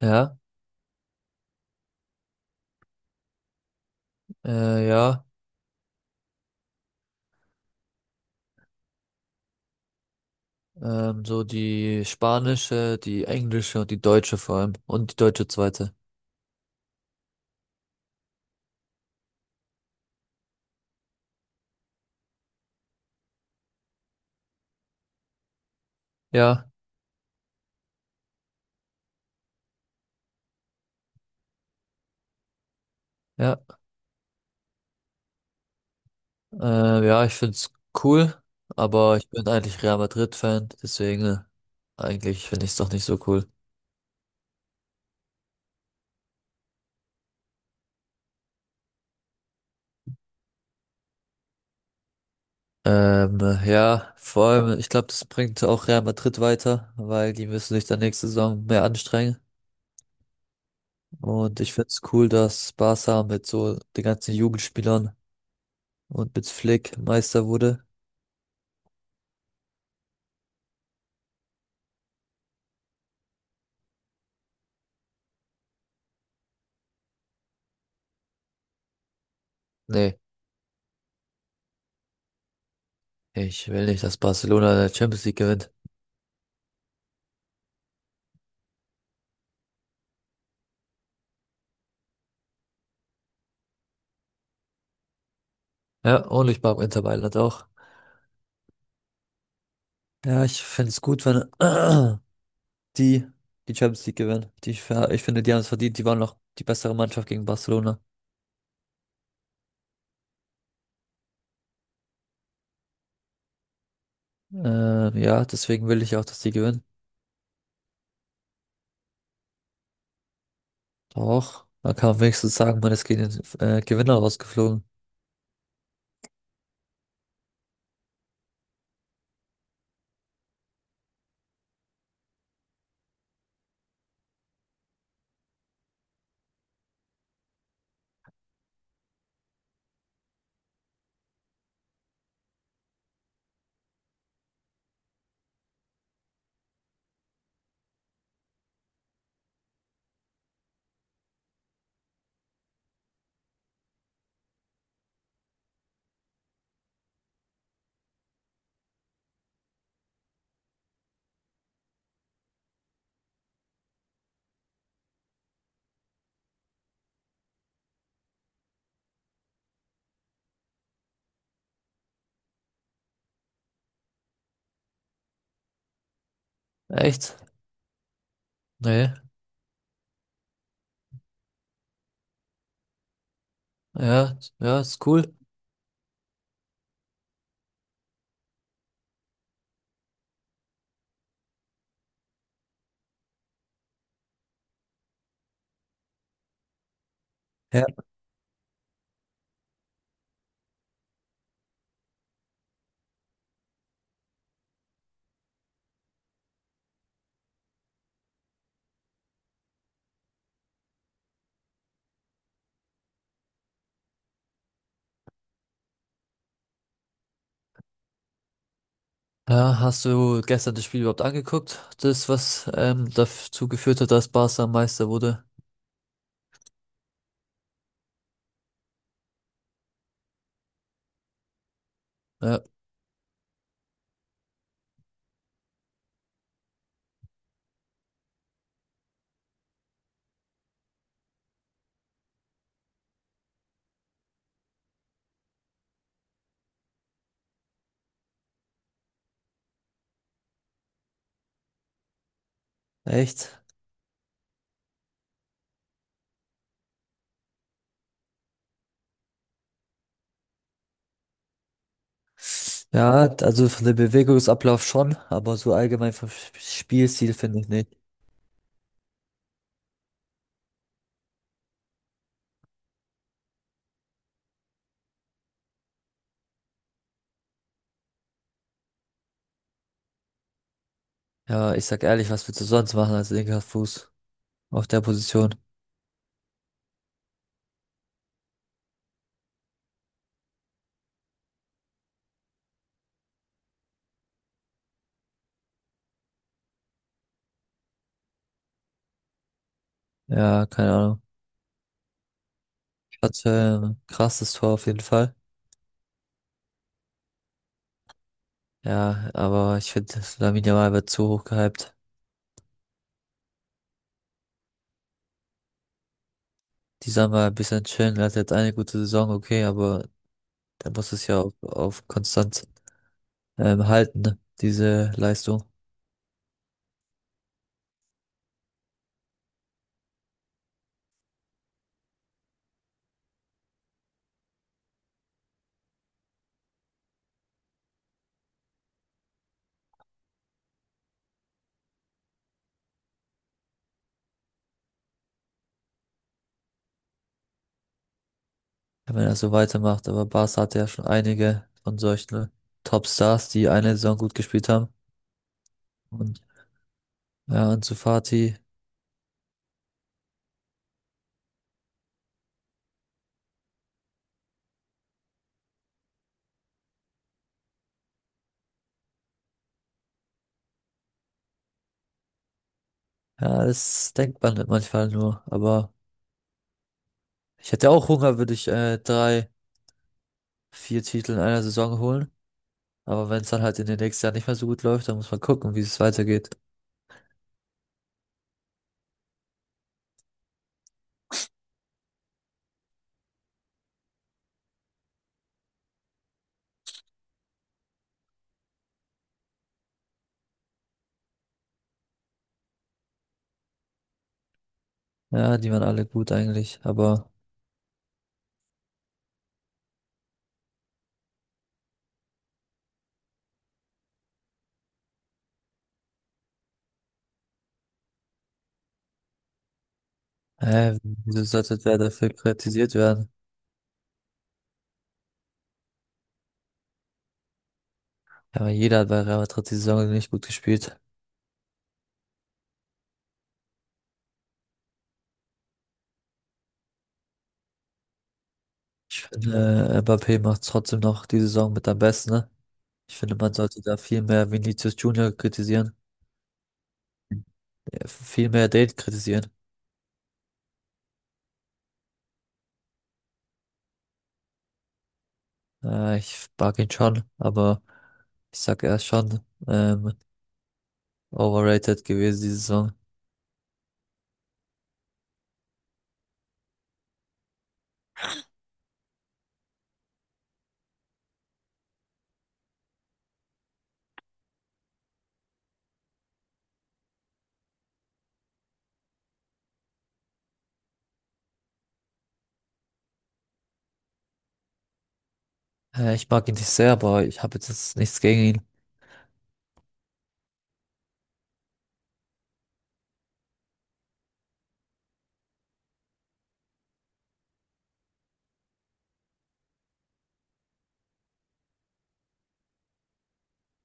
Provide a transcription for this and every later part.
Ja, ja, so die spanische, die englische und die deutsche vor allem und die deutsche zweite. Ja, ja, ja, ich find's cool, aber ich bin eigentlich Real Madrid-Fan, deswegen eigentlich finde ich's doch nicht so cool. Ähm, ja, vor allem, ich glaube, das bringt auch Real Madrid weiter, weil die müssen sich dann nächste Saison mehr anstrengen. Und ich find's cool, dass Barca mit so den ganzen Jugendspielern und mit Flick Meister wurde. Nee. Ich will nicht, dass Barcelona die Champions League gewinnt. Ja, und ich mag Inter Mailand auch. Ja, ich finde es gut, wenn die die Champions League gewinnen. Die, ich finde, die haben es verdient. Die waren noch die bessere Mannschaft gegen Barcelona. Ja, deswegen will ich auch, dass die gewinnen. Doch, man kann wenigstens sagen, man ist gegen den Gewinner rausgeflogen. Echt? Nee. Ja, ja, ist cool. Ja. Ja, hast du gestern das Spiel überhaupt angeguckt? Das, was dazu geführt hat, dass Barca Meister wurde? Ja. Echt? Ja, also von dem Bewegungsablauf schon, aber so allgemein vom Spielstil finde ich nicht. Ja, ich sag ehrlich, was willst du sonst machen als linker Fuß auf der Position? Ja, keine Ahnung. Hatte ein krasses Tor auf jeden Fall. Ja, aber ich finde, Lamine Yamal wird zu hoch gehypt. Die soll mal ein bisschen chillen. Er hat jetzt eine gute Saison, okay, aber er muss es ja auf konstant halten, ne, diese Leistung, wenn er so weitermacht. Aber Barca hatte ja schon einige von solchen Topstars, die eine Saison gut gespielt haben. Und ja, Ansu Fati, ja, das denkt man manchmal nur. Aber ich hätte auch Hunger, würde ich drei, vier Titel in einer Saison holen. Aber wenn es dann halt in den nächsten Jahren nicht mehr so gut läuft, dann muss man gucken, wie es weitergeht. Ja, die waren alle gut eigentlich. Aber wieso sollte der dafür kritisiert werden? Ja, jeder hat bei Real Madrid die Saison nicht gut gespielt. Ich finde, Mbappé macht trotzdem noch die Saison mit am besten, ne? Ich finde, man sollte da viel mehr Vinicius Junior kritisieren, ja, viel mehr den kritisieren. Ich mag ihn schon, aber ich sag, er ist schon ähm, overrated gewesen diese Saison. Ich mag ihn nicht sehr, aber ich habe jetzt nichts gegen ihn.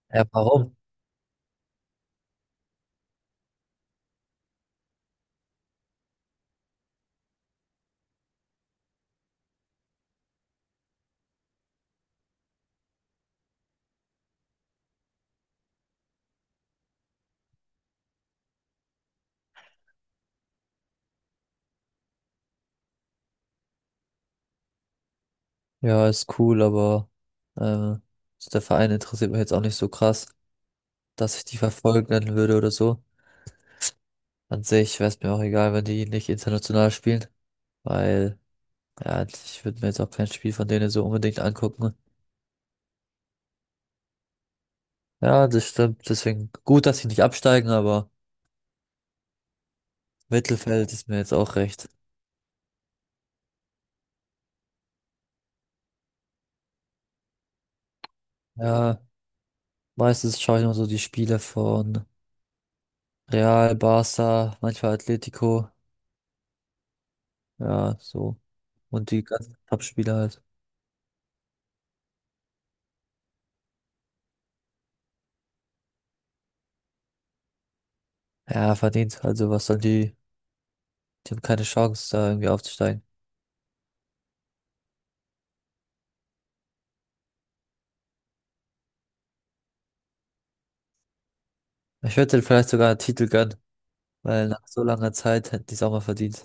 Ja, warum? Ja, ist cool, aber äh, so der Verein interessiert mich jetzt auch nicht so krass, dass ich die verfolgen würde oder so. An sich wäre es mir auch egal, wenn die nicht international spielen, weil ja, ich würde mir jetzt auch kein Spiel von denen so unbedingt angucken. Ja, das stimmt. Deswegen gut, dass sie nicht absteigen, aber Mittelfeld ist mir jetzt auch recht. Ja, meistens schaue ich nur so die Spiele von Real, Barca, manchmal Atletico. Ja, so. Und die ganzen Top-Spieler halt. Ja, verdient. Also was sollen die? Die haben keine Chance, da irgendwie aufzusteigen. Ich würde denen vielleicht sogar einen Titel gönnen, weil nach so langer Zeit hätten die es auch mal verdient.